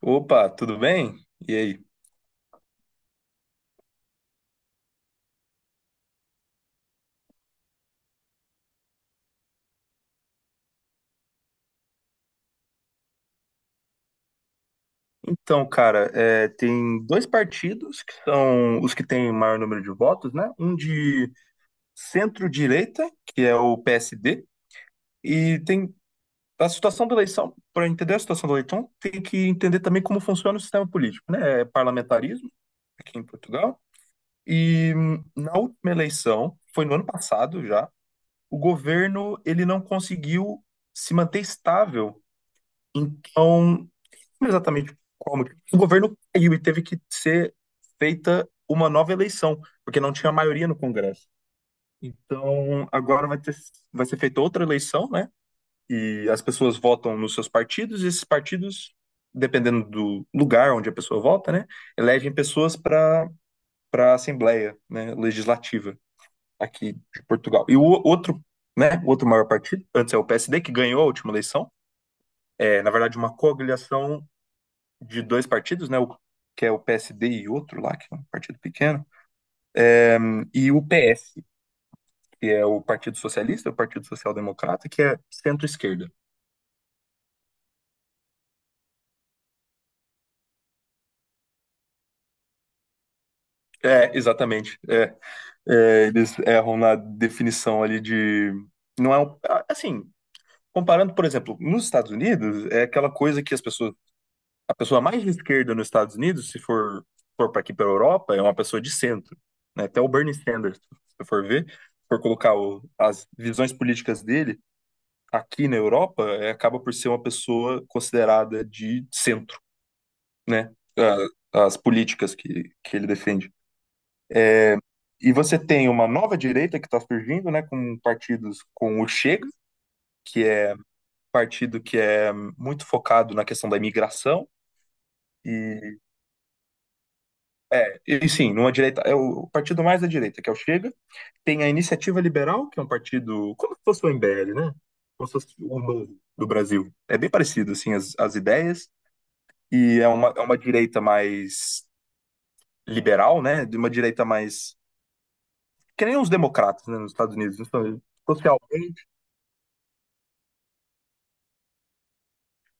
Opa, tudo bem? E aí? Então, cara, tem dois partidos que são os que têm maior número de votos, né? Um de centro-direita, que é o PSD, e tem a situação da eleição. Para entender a situação da eleição, tem que entender também como funciona o sistema político, né? É parlamentarismo aqui em Portugal. E na última eleição, foi no ano passado já, o governo ele não conseguiu se manter estável. Então, não exatamente como o governo caiu e teve que ser feita uma nova eleição, porque não tinha maioria no Congresso. Então, agora vai ter, vai ser feita outra eleição, né? E as pessoas votam nos seus partidos, e esses partidos, dependendo do lugar onde a pessoa vota, né, elegem pessoas para a Assembleia, né, Legislativa aqui de Portugal. E o outro, né, o outro maior partido, antes é o PSD, que ganhou a última eleição, é, na verdade, uma coagulação de dois partidos, né? O, que é o PSD e outro lá, que é um partido pequeno, e o PS, que é o Partido Socialista, o Partido Social Democrata, que é centro-esquerda. É, exatamente. É, eles erram na definição ali de. Não é um. Assim, comparando, por exemplo, nos Estados Unidos, é aquela coisa que as pessoas. A pessoa mais de esquerda nos Estados Unidos, se for para aqui para a Europa, é uma pessoa de centro, né? Até o Bernie Sanders, se for ver, se for colocar as visões políticas dele, aqui na Europa é, acaba por ser uma pessoa considerada de centro, né? A- As políticas que ele defende. E você tem uma nova direita que está surgindo, né? Com partidos com o Chega, que é partido que é muito focado na questão da imigração. E, e sim, numa direita, é o partido mais da direita, que é o Chega. Tem a Iniciativa Liberal, que é um partido como se fosse o MBL, né? Como se fosse o novo do Brasil. É bem parecido, assim, as ideias. E é uma direita mais liberal, né? De uma direita mais. Que nem os democratas, né, nos Estados Unidos. Então, socialmente.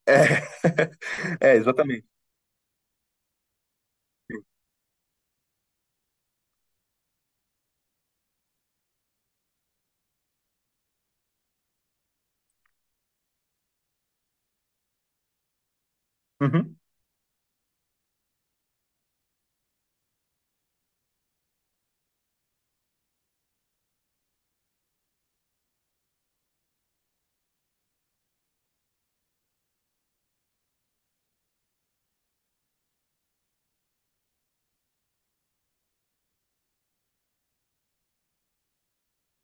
É, é exatamente. Uhum.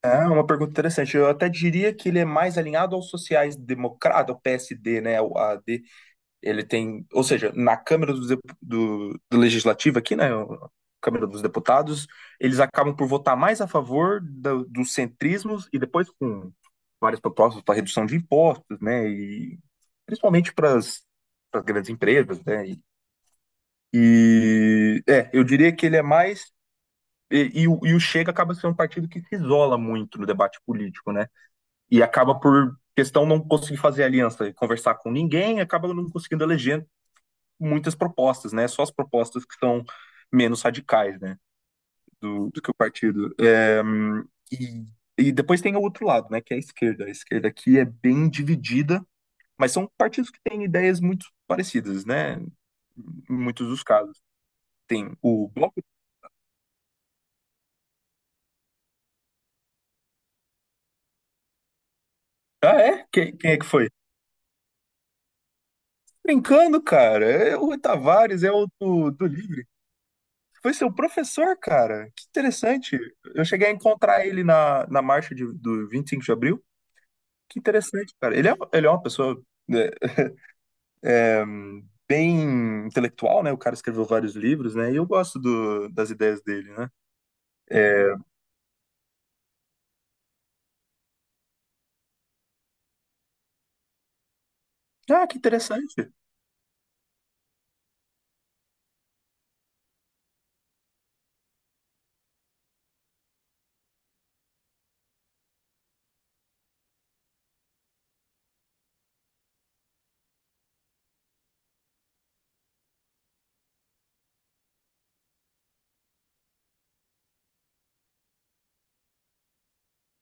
É uma pergunta interessante. Eu até diria que ele é mais alinhado aos sociais-democratas, ao PSD, né? O AD, ele tem, ou seja, na Câmara dos do Legislativo aqui, né, Câmara dos Deputados, eles acabam por votar mais a favor dos centrismos e depois com várias propostas para redução de impostos, né, e principalmente para as grandes empresas, né, e, eu diria que ele é mais e, e o Chega acaba sendo um partido que se isola muito no debate político, né? E acaba por questão não conseguir fazer aliança, conversar com ninguém, acaba não conseguindo eleger muitas propostas, né? Só as propostas que são menos radicais, né? Do que o partido. É, e, e depois tem o outro lado, né? Que é a esquerda. A esquerda aqui é bem dividida, mas são partidos que têm ideias muito parecidas, né? Em muitos dos casos. Tem o Bloco. Ah, é? Quem é que foi? Brincando, cara. É o Rui Tavares é o do Livre. Foi seu professor, cara. Que interessante. Eu cheguei a encontrar ele na marcha de, do 25 de abril. Que interessante, cara. Ele é uma pessoa, né, é, bem intelectual, né? O cara escreveu vários livros, né? E eu gosto do, das ideias dele, né? É, ah, que interessante.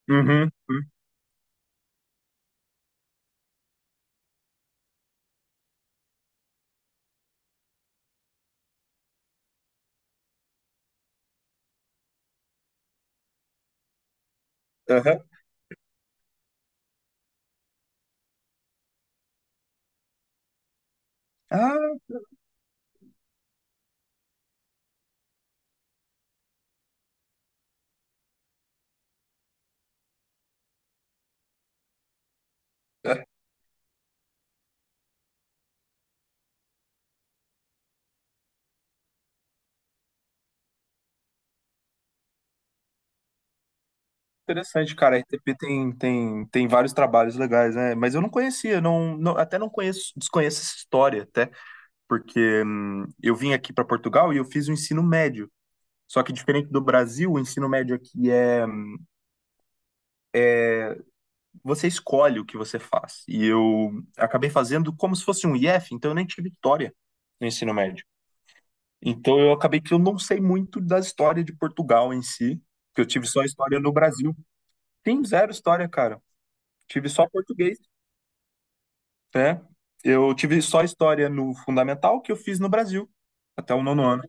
Uhum. Uhum, aham. Ah, é, interessante, cara. A RTP tem vários trabalhos legais, né? Mas eu não conhecia, até não conheço, desconheço essa história, até, porque eu vim aqui para Portugal e eu fiz o ensino médio. Só que diferente do Brasil, o ensino médio aqui é você escolhe o que você faz. E eu acabei fazendo como se fosse um IF, então eu nem tive história no ensino médio. Então eu acabei que eu não sei muito da história de Portugal em si, porque eu tive só história no Brasil. Tem zero história, cara. Tive só português, né? Eu tive só história no fundamental que eu fiz no Brasil, até o nono ano.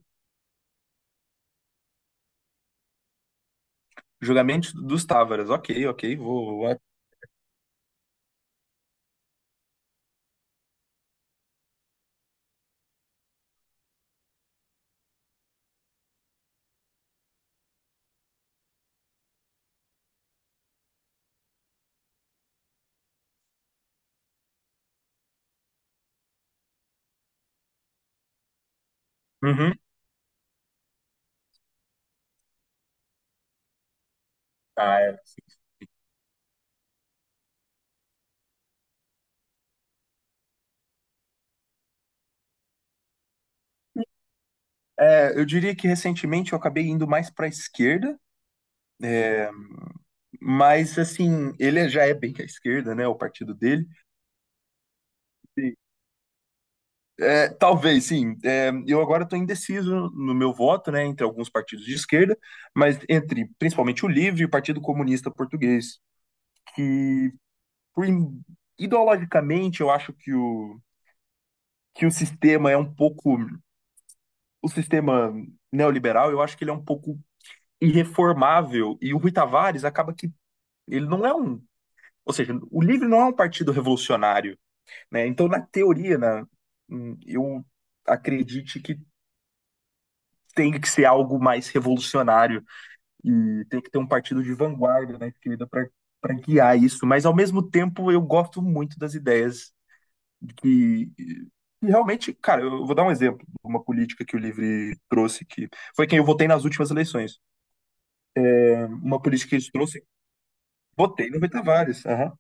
Julgamento dos Távaras. Ok, ok, vou. Uhum. Ah, é. É, eu diria que recentemente eu acabei indo mais para a esquerda, é, mas, assim, ele já é bem à esquerda, né? O partido dele. É, talvez, sim. É, eu agora estou indeciso no meu voto, né? Entre alguns partidos de esquerda, mas entre principalmente o LIVRE e o Partido Comunista Português, que por ideologicamente eu acho que o sistema é um pouco. O sistema neoliberal, eu acho que ele é um pouco irreformável. E o Rui Tavares acaba que ele não é um. Ou seja, o LIVRE não é um partido revolucionário, né? Então, na teoria, né, eu acredite que tem que ser algo mais revolucionário e tem que ter um partido de vanguarda, né, querida, para guiar isso. Mas, ao mesmo tempo, eu gosto muito das ideias que realmente, cara, eu vou dar um exemplo de uma política que o Livre trouxe, que foi quem eu votei nas últimas eleições. Uma política que eles trouxe, votei no Betavares. Aham.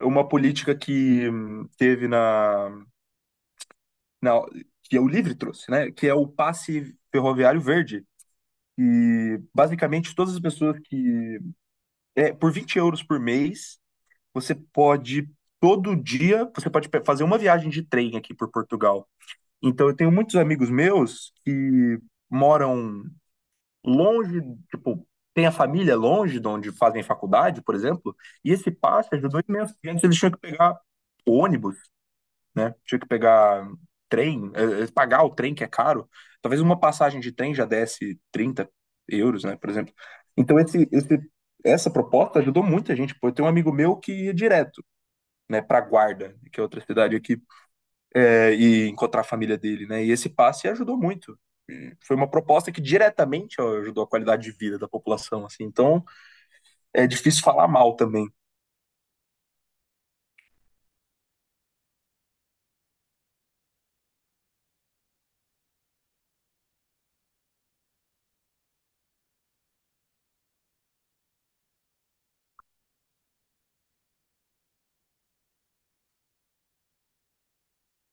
Uma política que teve na Não, que é o Livre trouxe, né? Que é o passe ferroviário verde. E basicamente todas as pessoas que. É, por 20 euros por mês, você pode. Todo dia você pode fazer uma viagem de trem aqui por Portugal. Então eu tenho muitos amigos meus que moram longe, tipo, tem a família longe de onde fazem faculdade, por exemplo, e esse passe ajudou imenso. Porque antes eles tinham que pegar ônibus, né? Tinha que pegar trem, pagar o trem que é caro. Talvez uma passagem de trem já desse 30 euros, né, por exemplo. Então essa proposta ajudou muita gente. Pô, eu tenho um amigo meu que ia direto, né, para Guarda, que é outra cidade aqui, e encontrar a família dele, né? E esse passe ajudou muito. E foi uma proposta que diretamente ó, ajudou a qualidade de vida da população, assim. Então é difícil falar mal também.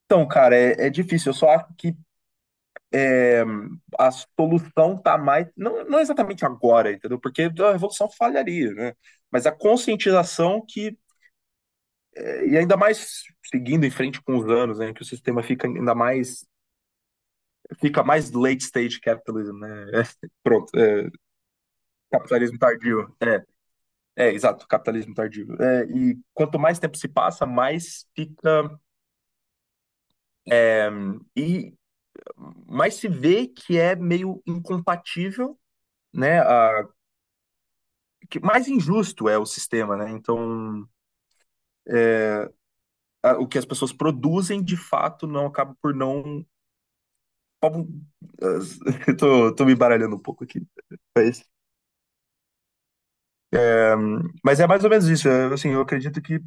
Então, cara, é difícil. Eu só acho que a solução está mais, não, não exatamente agora, entendeu? Porque a revolução falharia, né? Mas a conscientização que, e ainda mais seguindo em frente com os anos, né, que o sistema fica ainda mais, fica mais late stage capitalism, né? É, pronto, é, capitalismo tardio. É, exato, capitalismo tardio. É, e quanto mais tempo se passa, mais fica, e mais se vê que é meio incompatível, né? Que mais injusto é o sistema, né? Então, o que as pessoas produzem de fato não acaba por não. as- Eu tô me baralhando um pouco aqui. Mas, mas é mais ou menos isso. Assim, eu acredito que,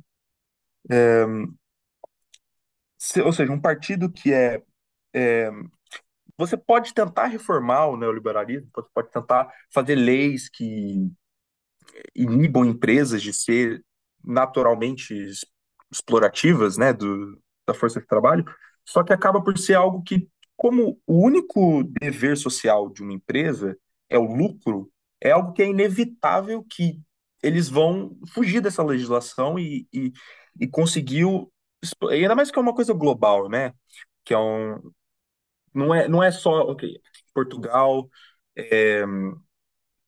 ou seja, um partido que é. Você pode tentar reformar o neoliberalismo, você pode tentar fazer leis que inibam empresas de ser naturalmente explorativas, né, do, da força de trabalho, só que acaba por ser algo que, como o único dever social de uma empresa é o lucro, é algo que é inevitável que eles vão fugir dessa legislação e conseguir, e ainda mais que é uma coisa global, né, que é um, não é só, ok, Portugal, é,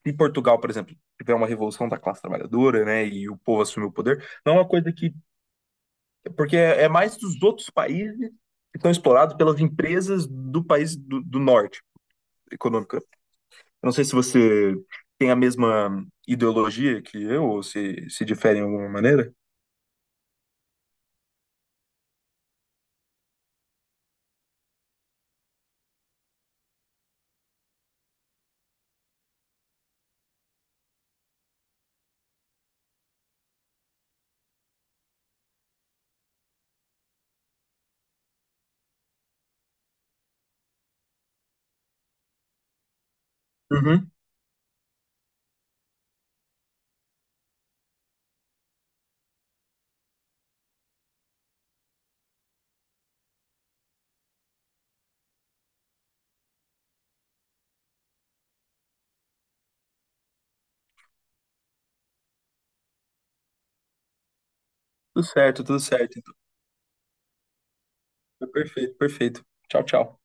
em Portugal, por exemplo, tiver uma revolução da classe trabalhadora, né, e o povo assumiu o poder, não é uma coisa que, porque é mais dos outros países que estão explorados pelas empresas do país do norte econômica. Eu não sei se você tem a mesma ideologia que eu, ou se difere em alguma maneira. Uhum. Tudo certo, tudo certo. Então, perfeito, perfeito. Tchau, tchau.